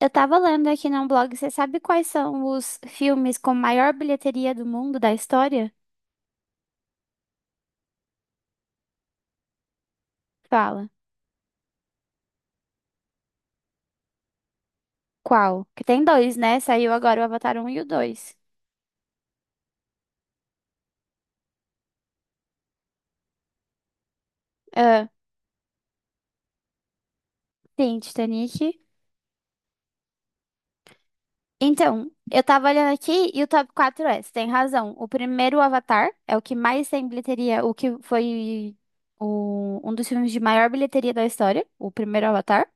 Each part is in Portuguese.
Eu tava lendo aqui num blog, você sabe quais são os filmes com maior bilheteria do mundo da história? Fala. Qual? Que tem dois, né? Saiu agora o Avatar um e o dois. Ah, sim, Titanic. Então, eu tava olhando aqui e o top 4 é, você tem razão. O primeiro, o Avatar, é o que mais tem bilheteria, o que foi um dos filmes de maior bilheteria da história, o primeiro Avatar.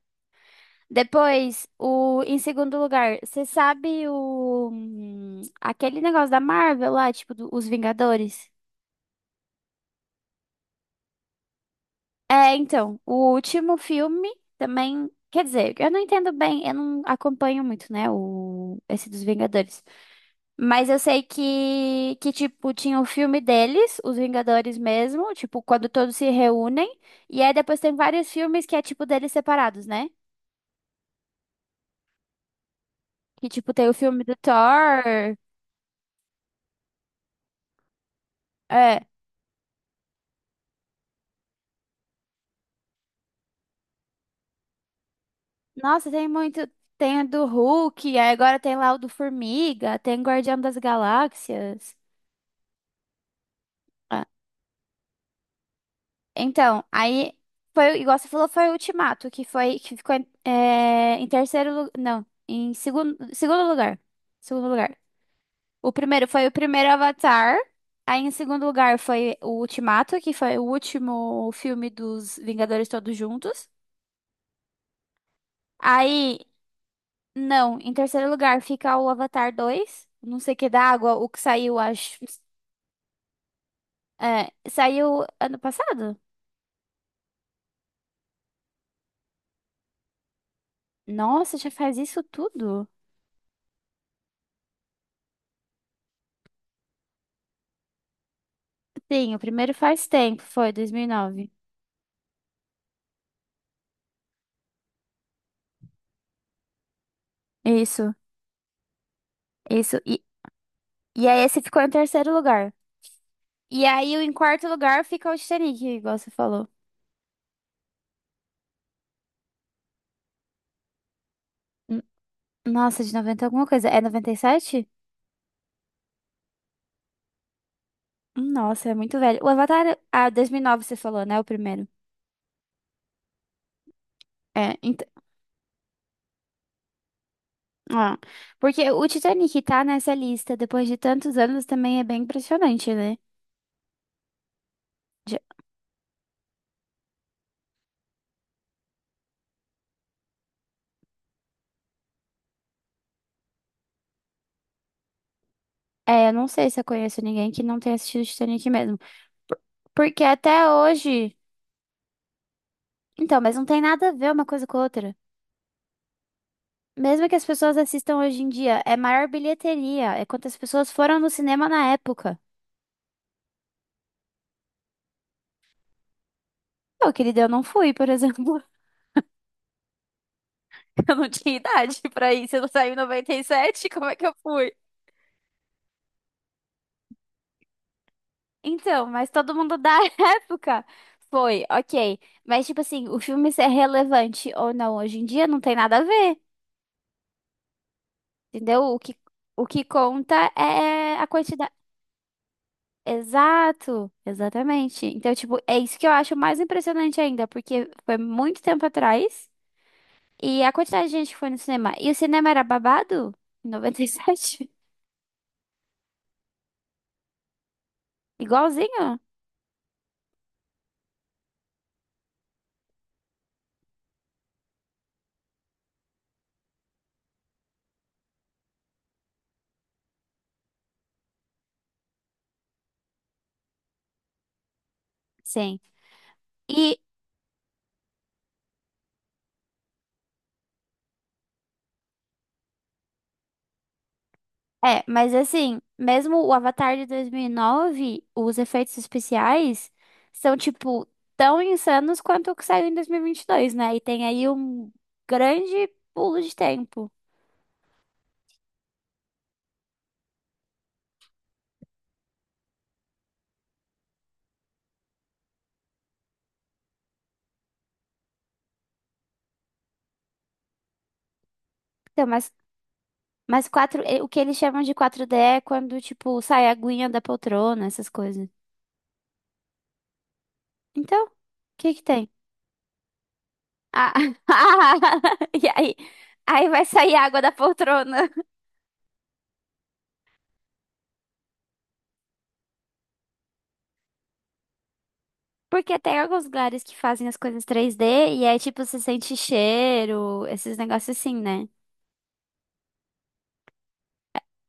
Depois, em segundo lugar, você sabe aquele negócio da Marvel lá, tipo, os Vingadores? É, então, o último filme também, quer dizer, eu não entendo bem, eu não acompanho muito, né, esse dos Vingadores. Mas eu sei que tipo, tinha o filme deles, os Vingadores mesmo, tipo, quando todos se reúnem. E aí depois tem vários filmes que é, tipo, deles separados, né? Que, tipo, tem o filme do Thor. É. Nossa, tem muito. Tem o do Hulk, aí agora tem lá o do Formiga, tem Guardião das Galáxias. Ah, então, aí foi, igual você falou, foi o Ultimato, que foi, que ficou em, é, em terceiro lugar. Não, em segundo lugar. Segundo lugar. O primeiro foi o primeiro Avatar. Aí em segundo lugar foi o Ultimato, que foi o último filme dos Vingadores Todos Juntos. Aí, não, em terceiro lugar fica o Avatar dois. Não sei o que da água, o que saiu, acho. É, saiu ano passado? Nossa, já faz isso tudo? Sim, o primeiro faz tempo, foi 2009. Isso, isso. E aí esse ficou em terceiro lugar. E aí em quarto lugar fica o Titanic, igual você falou. N- Nossa, de 90 alguma coisa. É 97? Nossa, é muito velho. O Avatar, ah, 2009 você falou, né? O primeiro. É, ent- ah, Porque o Titanic tá nessa lista depois de tantos anos também é bem impressionante, né? De- É, eu não sei se eu conheço ninguém que não tenha assistido Titanic mesmo. Porque até hoje. Então, mas não tem nada a ver uma coisa com a outra. Mesmo que as pessoas assistam hoje em dia, é maior bilheteria. É quantas pessoas foram no cinema na época. Eu, querida, eu não fui, por exemplo. Eu não tinha idade pra ir. Se eu não saí em 97 como é que eu fui? Então, mas todo mundo da época foi, ok. Mas, tipo assim, o filme ser relevante ou não hoje em dia não tem nada a ver. Entendeu? O que conta é a quantidade. Exato, exatamente. Então, tipo, é isso que eu acho mais impressionante ainda, porque foi muito tempo atrás e a quantidade de gente que foi no cinema. E o cinema era babado? Em noventa e sete. Igualzinho? Sim. E, É, mas assim, mesmo o Avatar de dois mil e nove os efeitos especiais são, tipo, tão insanos quanto o que saiu em dois mil e vinte e dois, né? E tem aí um grande pulo de tempo. Então, mas Mas quatro, o que eles chamam de quatro d é quando, tipo, sai a aguinha da poltrona, essas coisas. Então, o que que tem? Ah, e aí, aí vai sair água da poltrona. Porque tem alguns lugares que fazem as coisas três d e aí, tipo, você sente cheiro, esses negócios assim, né?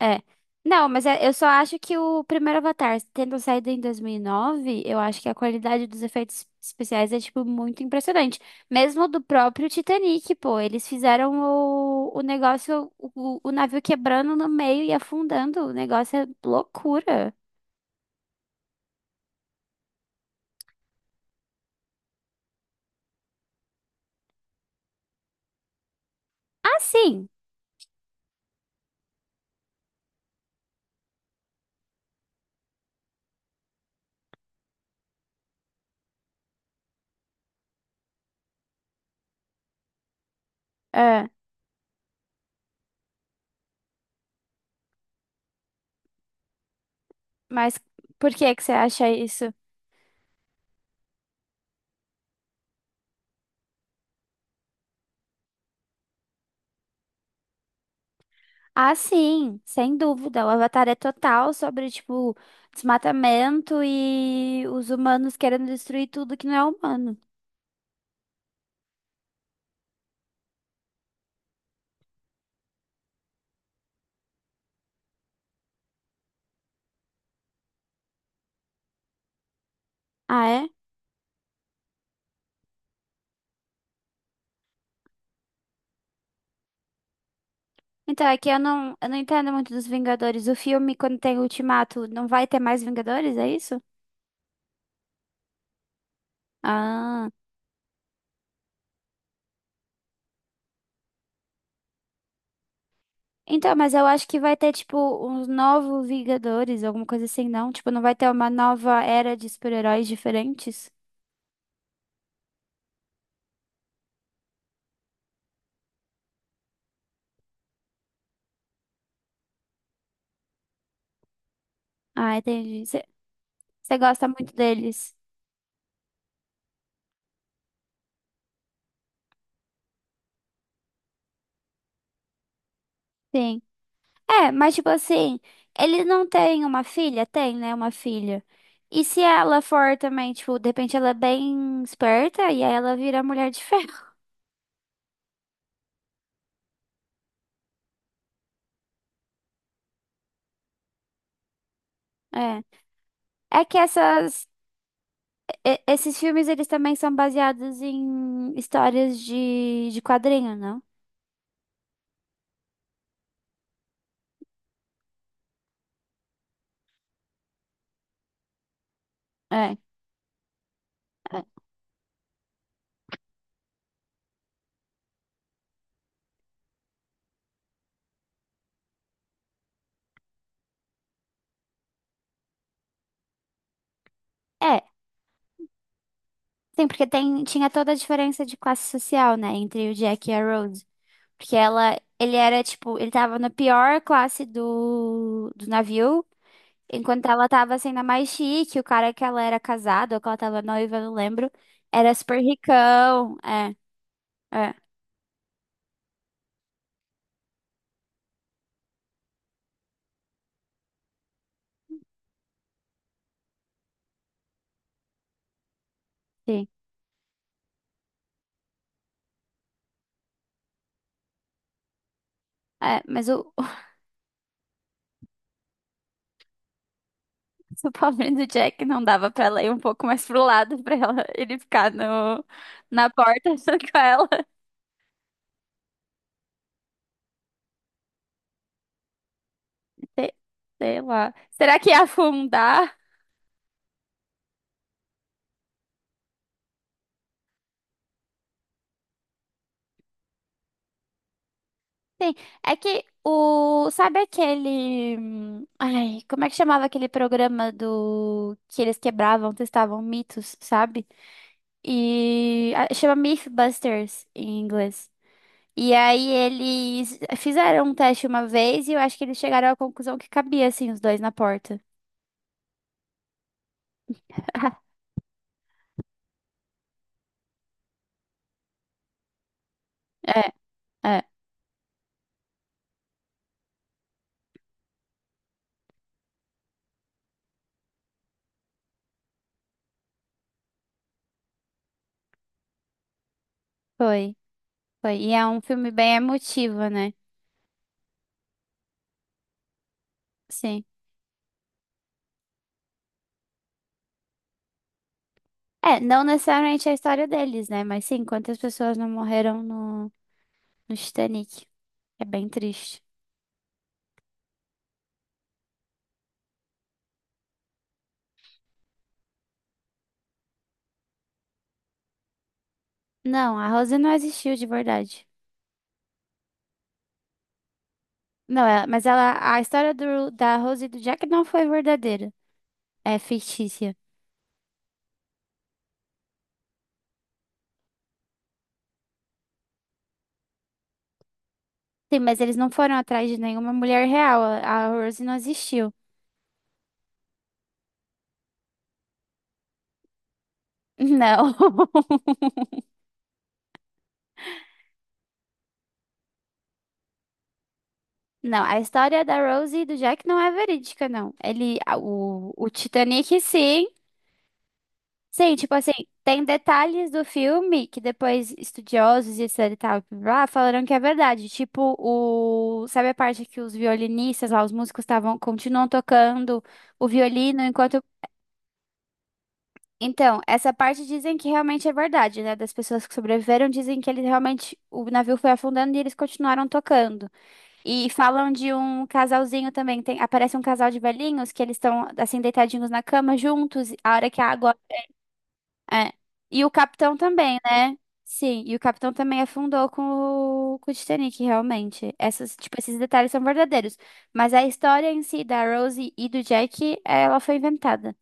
É. Não, mas eu só acho que o primeiro Avatar, tendo saído em 2009, eu acho que a qualidade dos efeitos especiais é, tipo, muito impressionante. Mesmo do próprio Titanic, pô. Eles fizeram o negócio, o navio quebrando no meio e afundando. O negócio é loucura. Ah, sim. É, mas por que que você acha isso? Ah, sim, sem dúvida. O Avatar é total sobre, tipo, desmatamento e os humanos querendo destruir tudo que não é humano. Ah, é? Então, é que eu não entendo muito dos Vingadores. O filme, quando tem Ultimato, não vai ter mais Vingadores, é isso? Ah. Então, mas eu acho que vai ter, tipo, uns novos Vingadores, alguma coisa assim, não? Tipo, não vai ter uma nova era de super-heróis diferentes? Ah, entendi. Você gosta muito deles? Sim. É, mas, tipo assim, ele não tem uma filha? Tem, né? Uma filha. E se ela for também, tipo, de repente ela é bem esperta e aí ela vira Mulher de Ferro? É. É que essas Esses filmes, eles também são baseados em histórias de quadrinho, não? É, é. É, sim, porque tem, tinha toda a diferença de classe social, né, entre o Jack e a Rose. Porque ela, ele era, tipo, ele tava na pior classe do navio, enquanto ela tava sendo a mais chique, o cara que ela era casada, ou que ela tava noiva, eu não lembro, era super ricão. É, sim. É, mas o, Se o pobrinho do Jack não dava pra ela ir um pouco mais pro lado pra ela, ele ficar no, na porta junto com ela. Sei, sei lá. Será que ia afundar? Sim, é que o. Sabe aquele. Ai, como é que chamava aquele programa do. Que eles quebravam, testavam mitos, sabe? Chama Mythbusters em inglês. E aí eles fizeram um teste uma vez e eu acho que eles chegaram à conclusão que cabia, assim, os dois na porta. É, foi, foi. E é um filme bem emotivo, né? Sim. É, não necessariamente a história deles, né? Mas sim, quantas pessoas não morreram no Titanic. É bem triste. Não, a Rose não existiu de verdade. Não, ela- Mas ela, a história do, da Rose e do Jack não foi verdadeira. É fictícia. Sim, mas eles não foram atrás de nenhuma mulher real. A Rose não existiu. Não. Não, a história da Rose e do Jack não é verídica, não. O Titanic, sim. Sim, tipo assim, tem detalhes do filme que depois estudiosos e etc e tal, blá, blá, falaram que é verdade. Tipo, o... sabe a parte que os violinistas lá, os músicos estavam, continuam tocando o violino enquanto... Então, essa parte dizem que realmente é verdade, né? Das pessoas que sobreviveram dizem que eles realmente, o navio foi afundando e eles continuaram tocando. E falam de um casalzinho também, tem, aparece um casal de velhinhos que eles estão assim deitadinhos na cama juntos, a hora que a água. É. E o capitão também, né? Sim, e o capitão também afundou com com o Titanic, realmente. Essas, tipo, esses detalhes são verdadeiros. Mas a história em si da Rose e do Jack, ela foi inventada.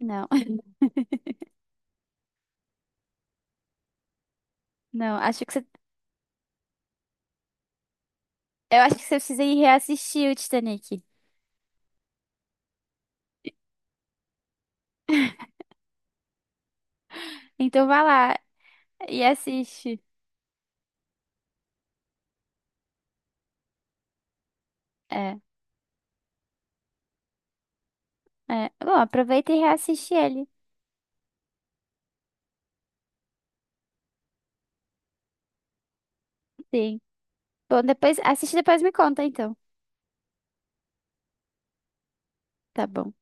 Não, não, acho que você, eu acho que você precisa ir reassistir o Titanic. Então vá lá e assiste. É, Bom, aproveita e reassiste ele. Sim. Bom, depois, assiste e depois me conta, então. Tá bom.